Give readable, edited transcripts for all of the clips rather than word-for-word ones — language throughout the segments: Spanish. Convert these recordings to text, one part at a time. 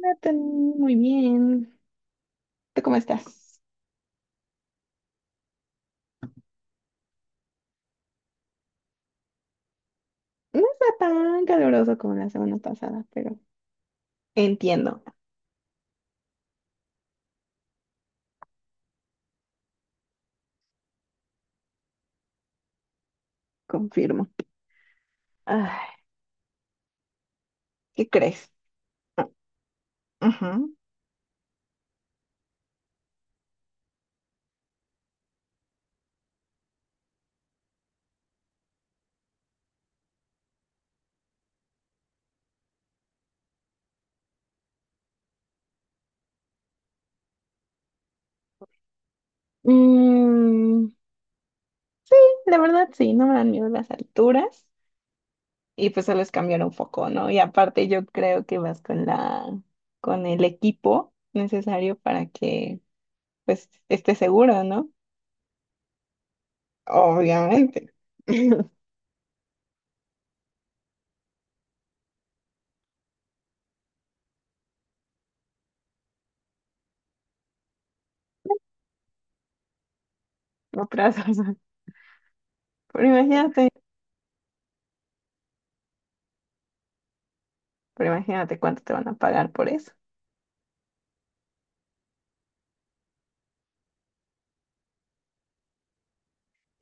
Nathan, muy bien. ¿Tú cómo estás? No está tan caluroso como la semana pasada, pero entiendo, confirmo. Ay, ¿qué crees? Ujú. Mm, la verdad sí, no me dan miedo las alturas y pues solo es cambiar un foco, ¿no? Y aparte yo creo que vas con con el equipo necesario para que pues estés seguro, ¿no? Obviamente. Otras, cosas. pero imagínate, pero imagínate cuánto te van a pagar por eso.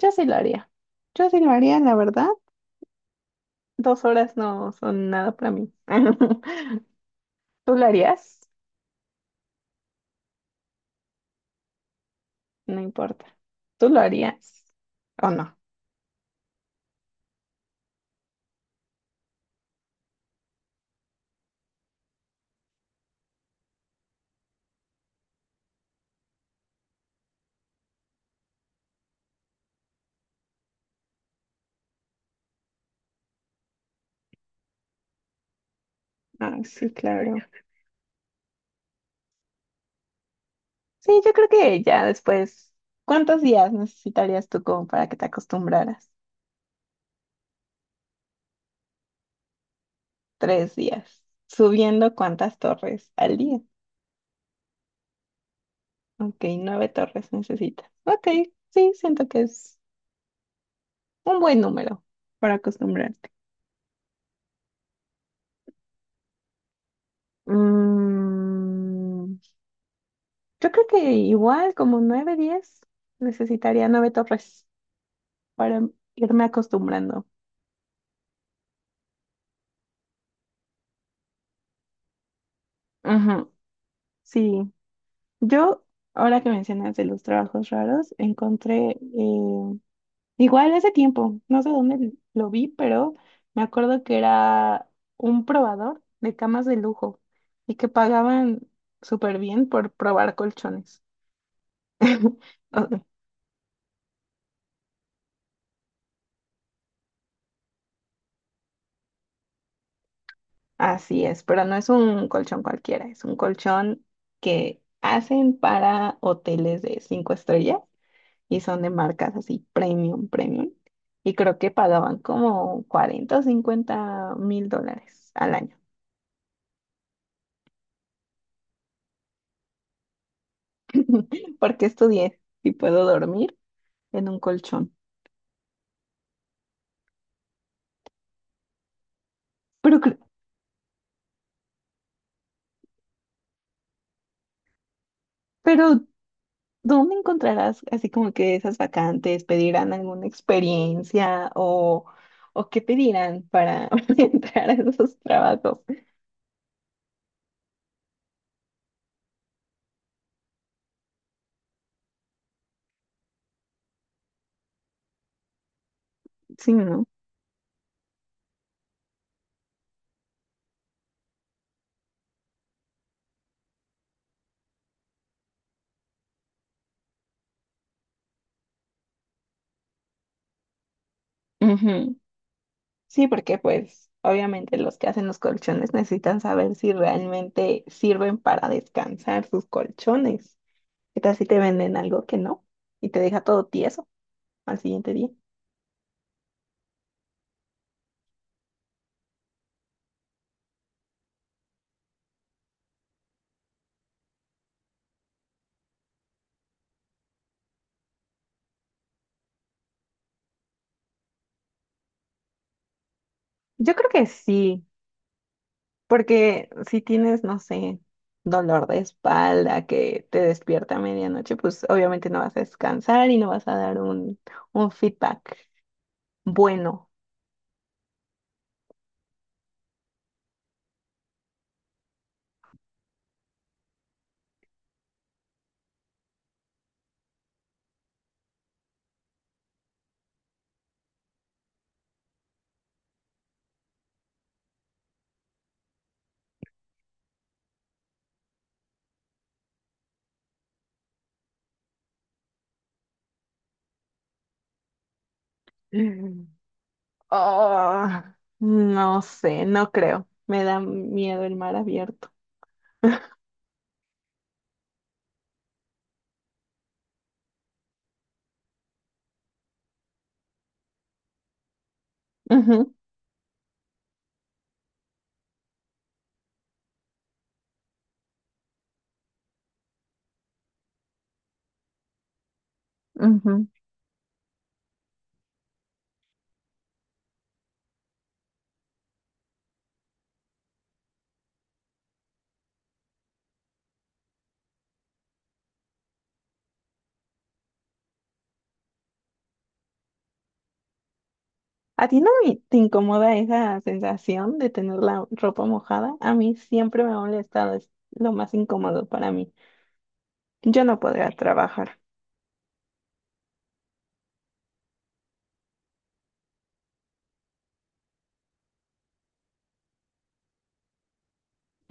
Yo sí lo haría. Yo sí lo haría, la verdad. 2 horas no son nada para mí. ¿Tú lo harías? No importa. ¿Tú lo harías o no? Ah, sí, claro. Sí, yo creo que ya después, ¿cuántos días necesitarías tú como para que te acostumbraras? 3 días. Subiendo cuántas torres al día. Ok, 9 torres necesitas. Ok, sí, siento que es un buen número para acostumbrarte. Mm, Yo creo que igual como 9, 10, necesitaría 9 torres para irme acostumbrando. Ajá. Sí, yo, ahora que mencionas de los trabajos raros, encontré, igual hace tiempo, no sé dónde lo vi, pero me acuerdo que era un probador de camas de lujo y que pagaban súper bien por probar colchones. O- Así es, pero no es un colchón cualquiera, es un colchón que hacen para hoteles de 5 estrellas y son de marcas así premium, premium. Y creo que pagaban como 40 o 50 mil dólares al año. Porque estudié y puedo dormir en un colchón. Pero, cre- pero, ¿dónde encontrarás así como que esas vacantes? ¿Pedirán alguna experiencia o qué pedirán para entrar a esos trabajos? Sí, ¿no? Ujú. Sí, porque pues obviamente los que hacen los colchones necesitan saber si realmente sirven para descansar sus colchones. ¿Qué tal si te venden algo que no y te deja todo tieso al siguiente día? Yo creo que sí, porque si tienes, no sé, dolor de espalda que te despierta a medianoche, pues obviamente no vas a descansar y no vas a dar un feedback bueno. Oh, no sé, no creo. Me da miedo el mar abierto. Ujú, ujú. ¿A ti no me- te incomoda esa sensación de tener la ropa mojada? A mí siempre me ha molestado, es lo más incómodo para mí. Yo no podría trabajar.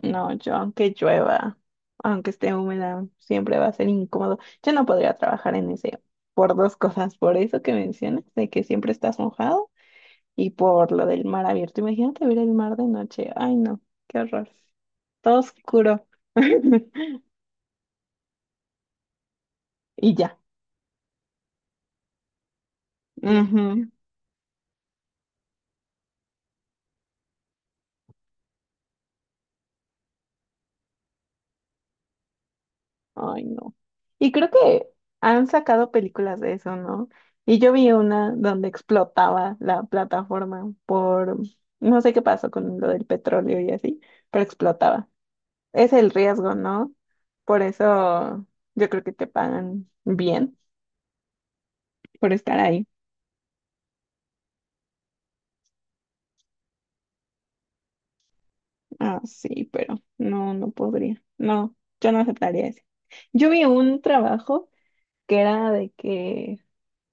No, yo aunque llueva, aunque esté húmeda, siempre va a ser incómodo. Yo no podría trabajar en ese por dos cosas, por eso que mencionas, de que siempre estás mojado. Y por lo del mar abierto, imagínate ver el mar de noche. Ay, no, qué horror. Todo oscuro. Y ya. Ujú. Ay, no. Y creo que han sacado películas de eso, ¿no? Y yo vi una donde explotaba la plataforma no sé qué pasó con lo del petróleo y así, pero explotaba. Es el riesgo, ¿no? Por eso yo creo que te pagan bien por estar ahí. Ah, sí, pero no, no podría. No, yo no aceptaría ese. Yo vi un trabajo que era de que,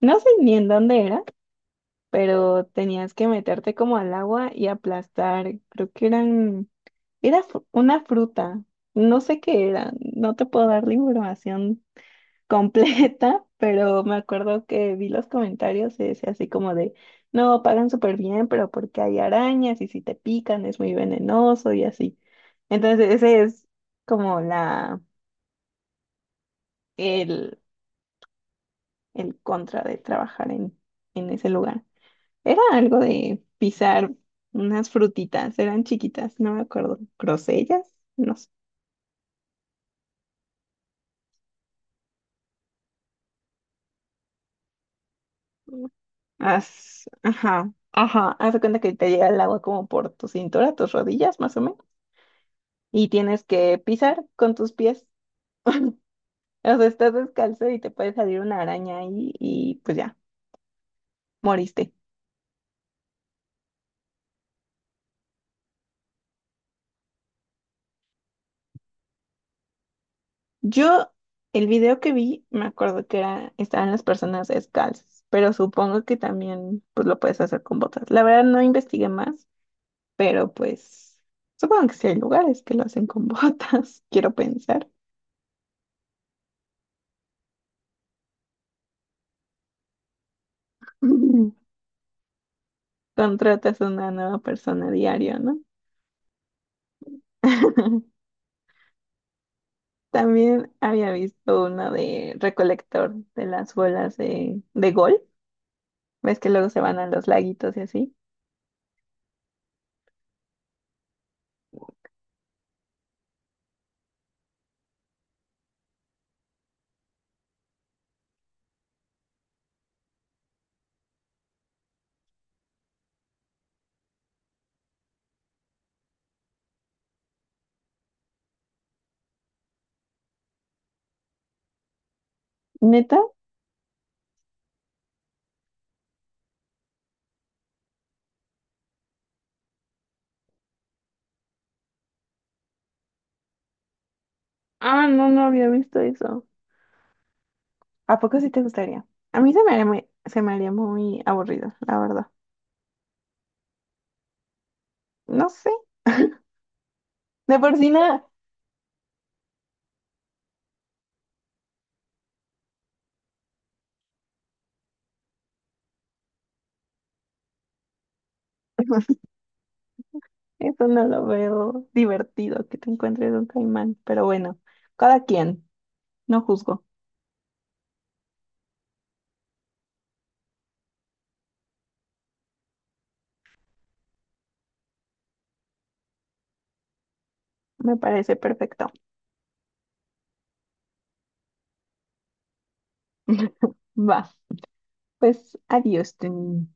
no sé ni en dónde era, pero tenías que meterte como al agua y aplastar, creo que era una fruta, no sé qué era, no te puedo dar la información completa. Pero me acuerdo que vi los comentarios y decía así como de, no, pagan súper bien, pero porque hay arañas y si te pican es muy venenoso y así. Entonces, ese es como el, el contra de trabajar en ese lugar. Era algo de pisar unas frutitas, eran chiquitas, no me acuerdo, grosellas, no sé. Ajá, ajá, haz de cuenta que te llega el agua como por tu cintura, tus rodillas, más o menos. Y tienes que pisar con tus pies. O sea, estás descalzo y te puede salir una araña ahí y pues ya, moriste. Yo, el video que vi, me acuerdo que estaban las personas descalzas, pero supongo que también pues lo puedes hacer con botas. La verdad no investigué más, pero pues supongo que sí hay lugares que lo hacen con botas, quiero pensar. Contratas a una nueva persona diario, ¿no? También había visto una de recolector de las bolas de gol. ¿Ves que luego se van a los laguitos y así? ¿Neta? Ah, no, no había visto eso. ¿A poco sí te gustaría? A mí se me haría muy aburrido, la verdad. No sé. De por sí nada. Eso no lo veo divertido que te encuentres un caimán. Pero bueno, cada quien. No juzgo. Me parece perfecto. Va. Pues adiós, Tony.